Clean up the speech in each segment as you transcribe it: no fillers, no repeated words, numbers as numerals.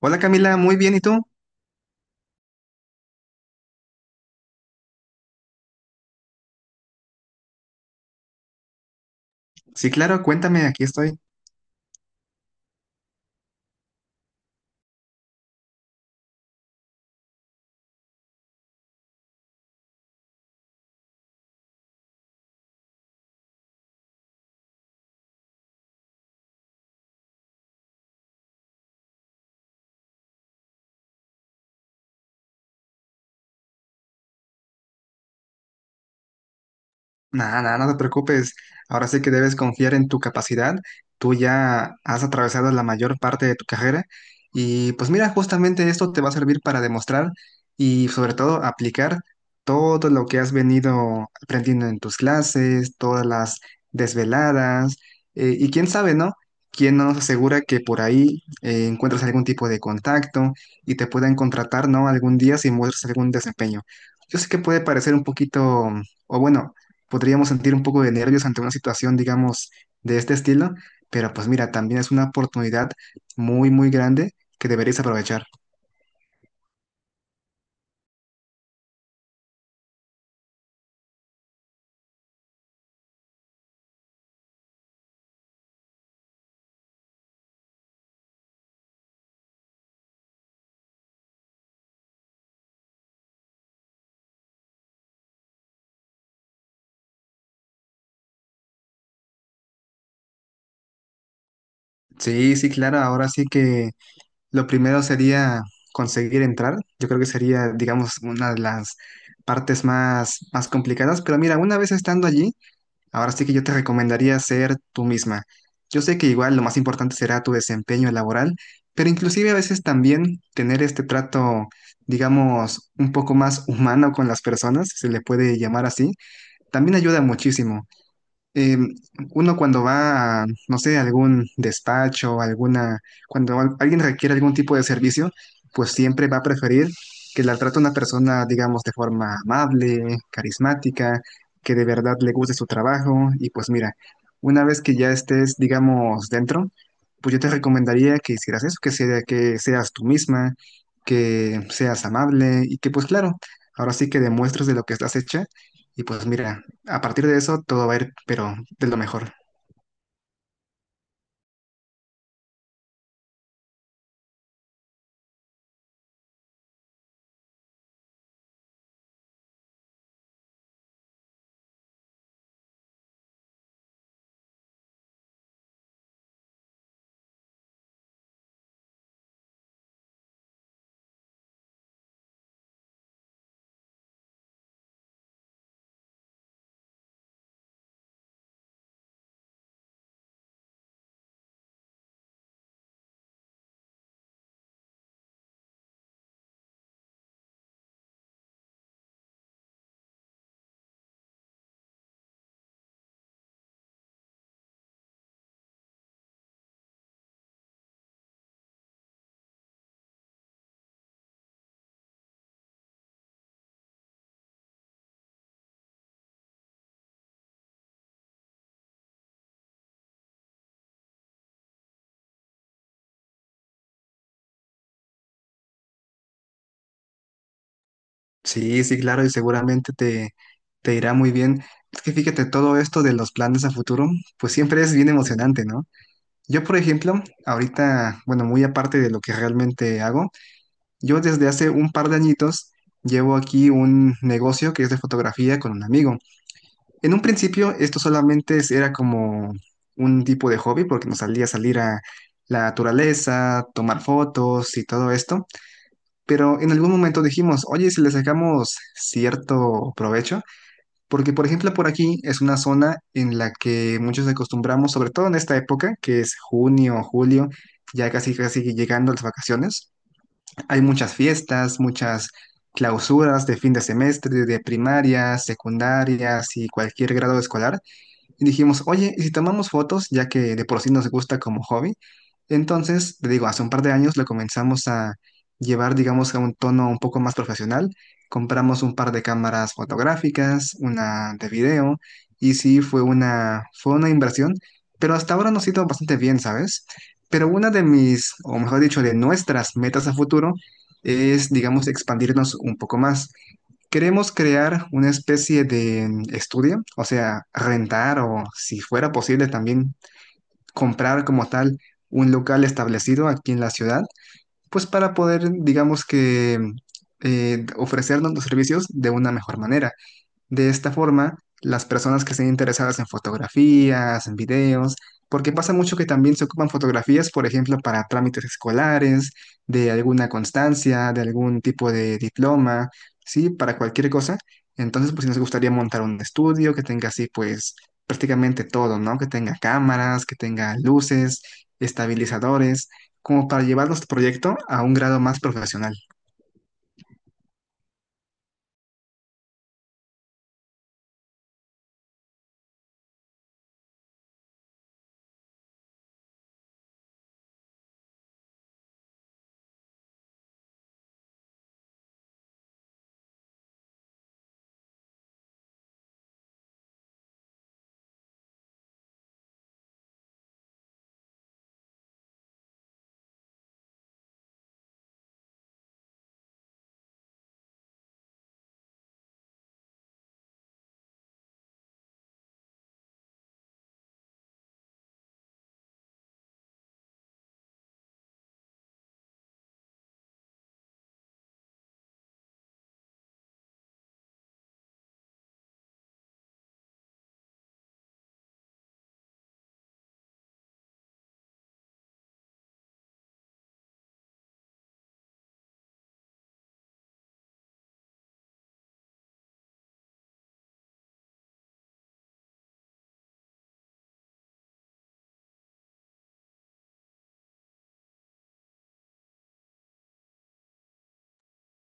Hola Camila, muy bien, ¿y tú? Sí, claro, cuéntame, aquí estoy. Nada, nada, no te preocupes. Ahora sí que debes confiar en tu capacidad. Tú ya has atravesado la mayor parte de tu carrera y pues mira, justamente esto te va a servir para demostrar y sobre todo aplicar todo lo que has venido aprendiendo en tus clases, todas las desveladas. ¿Y quién sabe, no? ¿Quién no nos asegura que por ahí encuentras algún tipo de contacto y te puedan contratar? ¿No? Algún día si muestras algún desempeño. Yo sé que puede parecer un poquito... O bueno, podríamos sentir un poco de nervios ante una situación, digamos, de este estilo, pero pues mira, también es una oportunidad muy, muy grande que deberías aprovechar. Sí, sí, claro. Ahora sí que lo primero sería conseguir entrar. Yo creo que sería, digamos, una de las partes más, más complicadas. Pero mira, una vez estando allí, ahora sí que yo te recomendaría ser tú misma. Yo sé que igual lo más importante será tu desempeño laboral, pero inclusive a veces también tener este trato, digamos, un poco más humano con las personas, si se le puede llamar así, también ayuda muchísimo. eh, Uno cuando va a, no sé, algún despacho, alguna, cuando alguien requiere algún tipo de servicio, pues siempre va a preferir que la trate una persona, digamos, de forma amable, carismática, que de verdad le guste su trabajo. Y pues mira, una vez que ya estés, digamos, dentro, pues yo te recomendaría que hicieras eso, que sea, que seas tú misma, que seas amable y que pues claro, ahora sí que demuestres de lo que estás hecha. Y pues mira, a partir de eso todo va a ir, pero de lo mejor. Sí, sí, claro, y seguramente te irá muy bien. Es que fíjate, todo esto de los planes a futuro, pues siempre es bien emocionante, ¿no? Yo, por ejemplo, ahorita, bueno, muy aparte de lo que realmente hago, yo desde hace un par de añitos llevo aquí un negocio que es de fotografía con un amigo. En un principio esto solamente era como un tipo de hobby porque nos salía a salir a la naturaleza, tomar fotos y todo esto. Pero en algún momento dijimos, oye, si le sacamos cierto provecho, porque por ejemplo por aquí es una zona en la que muchos acostumbramos, sobre todo en esta época, que es junio, julio, ya casi casi llegando las vacaciones, hay muchas fiestas, muchas clausuras de fin de semestre, de primarias, secundarias y cualquier grado escolar. Y dijimos, oye, ¿y si tomamos fotos, ya que de por sí nos gusta como hobby? Entonces, te digo, hace un par de años lo comenzamos a llevar, digamos, a un tono un poco más profesional. Compramos un par de cámaras fotográficas, una de video, y sí, fue una inversión, pero hasta ahora nos ha ido bastante bien, ¿sabes? Pero una de mis, o mejor dicho, de nuestras metas a futuro es, digamos, expandirnos un poco más. Queremos crear una especie de estudio, o sea, rentar o si fuera posible también comprar como tal un local establecido aquí en la ciudad, pues para poder, digamos que, ofrecernos los servicios de una mejor manera. De esta forma, las personas que estén interesadas en fotografías, en videos, porque pasa mucho que también se ocupan fotografías, por ejemplo, para trámites escolares, de alguna constancia, de algún tipo de diploma, ¿sí? Para cualquier cosa. Entonces, pues si nos gustaría montar un estudio que tenga así, pues prácticamente todo, ¿no? Que tenga cámaras, que tenga luces, estabilizadores, como para llevar nuestro proyecto a un grado más profesional.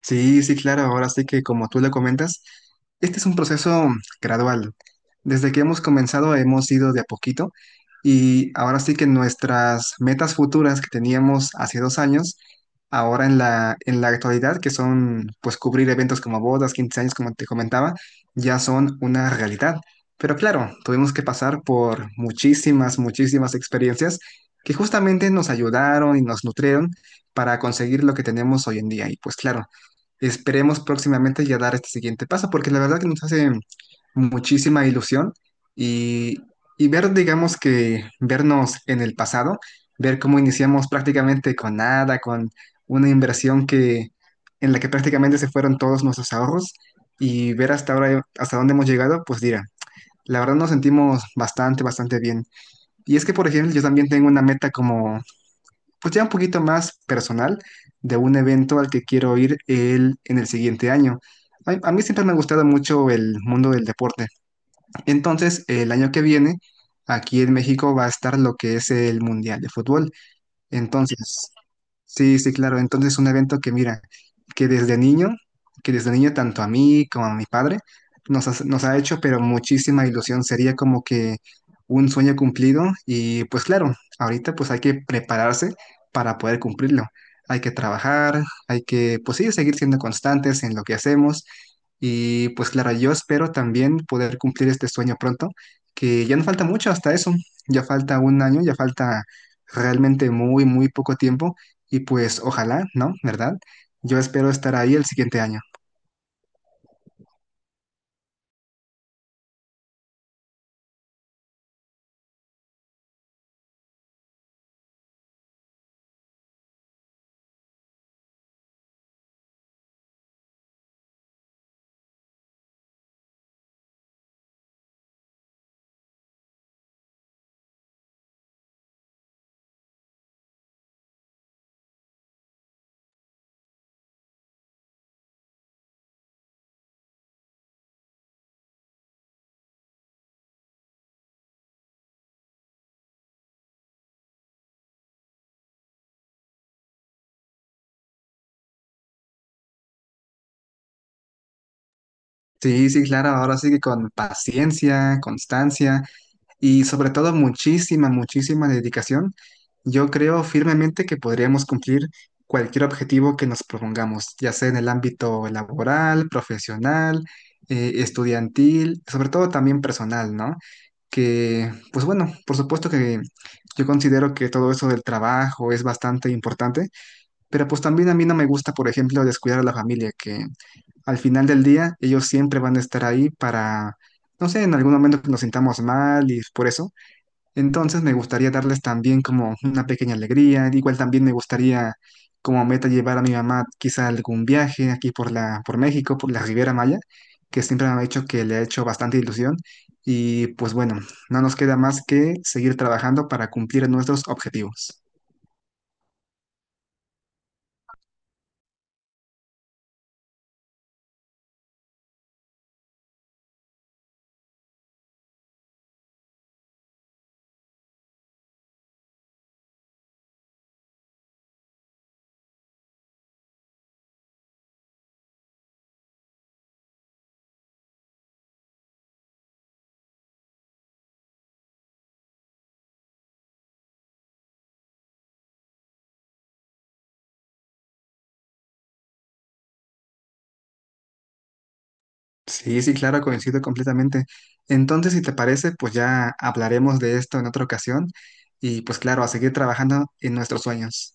Sí, sí, claro, ahora sí que como tú le comentas, este es un proceso gradual. Desde que hemos comenzado hemos ido de a poquito y ahora sí que nuestras metas futuras que teníamos hace 2 años, ahora en la actualidad, que son pues cubrir eventos como bodas, 15 años, como te comentaba, ya son una realidad. Pero claro, tuvimos que pasar por muchísimas, muchísimas experiencias que justamente nos ayudaron y nos nutrieron para conseguir lo que tenemos hoy en día. Y pues claro. Esperemos próximamente ya dar este siguiente paso, porque la verdad que nos hace muchísima ilusión y, y ver, digamos que vernos en el pasado, ver cómo iniciamos prácticamente con nada, con una inversión que en la que prácticamente se fueron todos nuestros ahorros y ver hasta ahora, hasta dónde hemos llegado, pues dirá, la verdad nos sentimos bastante, bastante bien. Y es que, por ejemplo, yo también tengo una meta como pues ya un poquito más personal de un evento al que quiero ir en el siguiente año. A mí siempre me ha gustado mucho el mundo del deporte. Entonces, el año que viene, aquí en México va a estar lo que es el Mundial de Fútbol. Entonces, sí, sí, claro. Entonces, un evento que mira, que desde niño, que desde niño tanto a mí como a mi padre nos ha hecho, pero muchísima ilusión. Sería como que un sueño cumplido y pues claro, ahorita pues hay que prepararse para poder cumplirlo. Hay que trabajar, hay que pues sí, seguir siendo constantes en lo que hacemos y pues claro, yo espero también poder cumplir este sueño pronto, que ya no falta mucho hasta eso. Ya falta un año, ya falta realmente muy, muy poco tiempo. Y pues ojalá, ¿no? ¿Verdad? Yo espero estar ahí el siguiente año. Sí, sí, claro, ahora sí que con paciencia, constancia y sobre todo muchísima, muchísima dedicación, yo creo firmemente que podríamos cumplir cualquier objetivo que nos propongamos, ya sea en el ámbito laboral, profesional, estudiantil, sobre todo también personal, ¿no? Que, pues bueno, por supuesto que yo considero que todo eso del trabajo es bastante importante. Pero pues también a mí no me gusta, por ejemplo, descuidar a la familia, que al final del día ellos siempre van a estar ahí para, no sé, en algún momento que nos sintamos mal y por eso. Entonces me gustaría darles también como una pequeña alegría. Igual también me gustaría como meta llevar a mi mamá quizá a algún viaje aquí por México, por la Riviera Maya, que siempre me ha dicho que le ha hecho bastante ilusión. Y pues bueno, no nos queda más que seguir trabajando para cumplir nuestros objetivos. Sí, sí, claro, coincido completamente. Entonces, si te parece, pues ya hablaremos de esto en otra ocasión y pues claro, a seguir trabajando en nuestros sueños.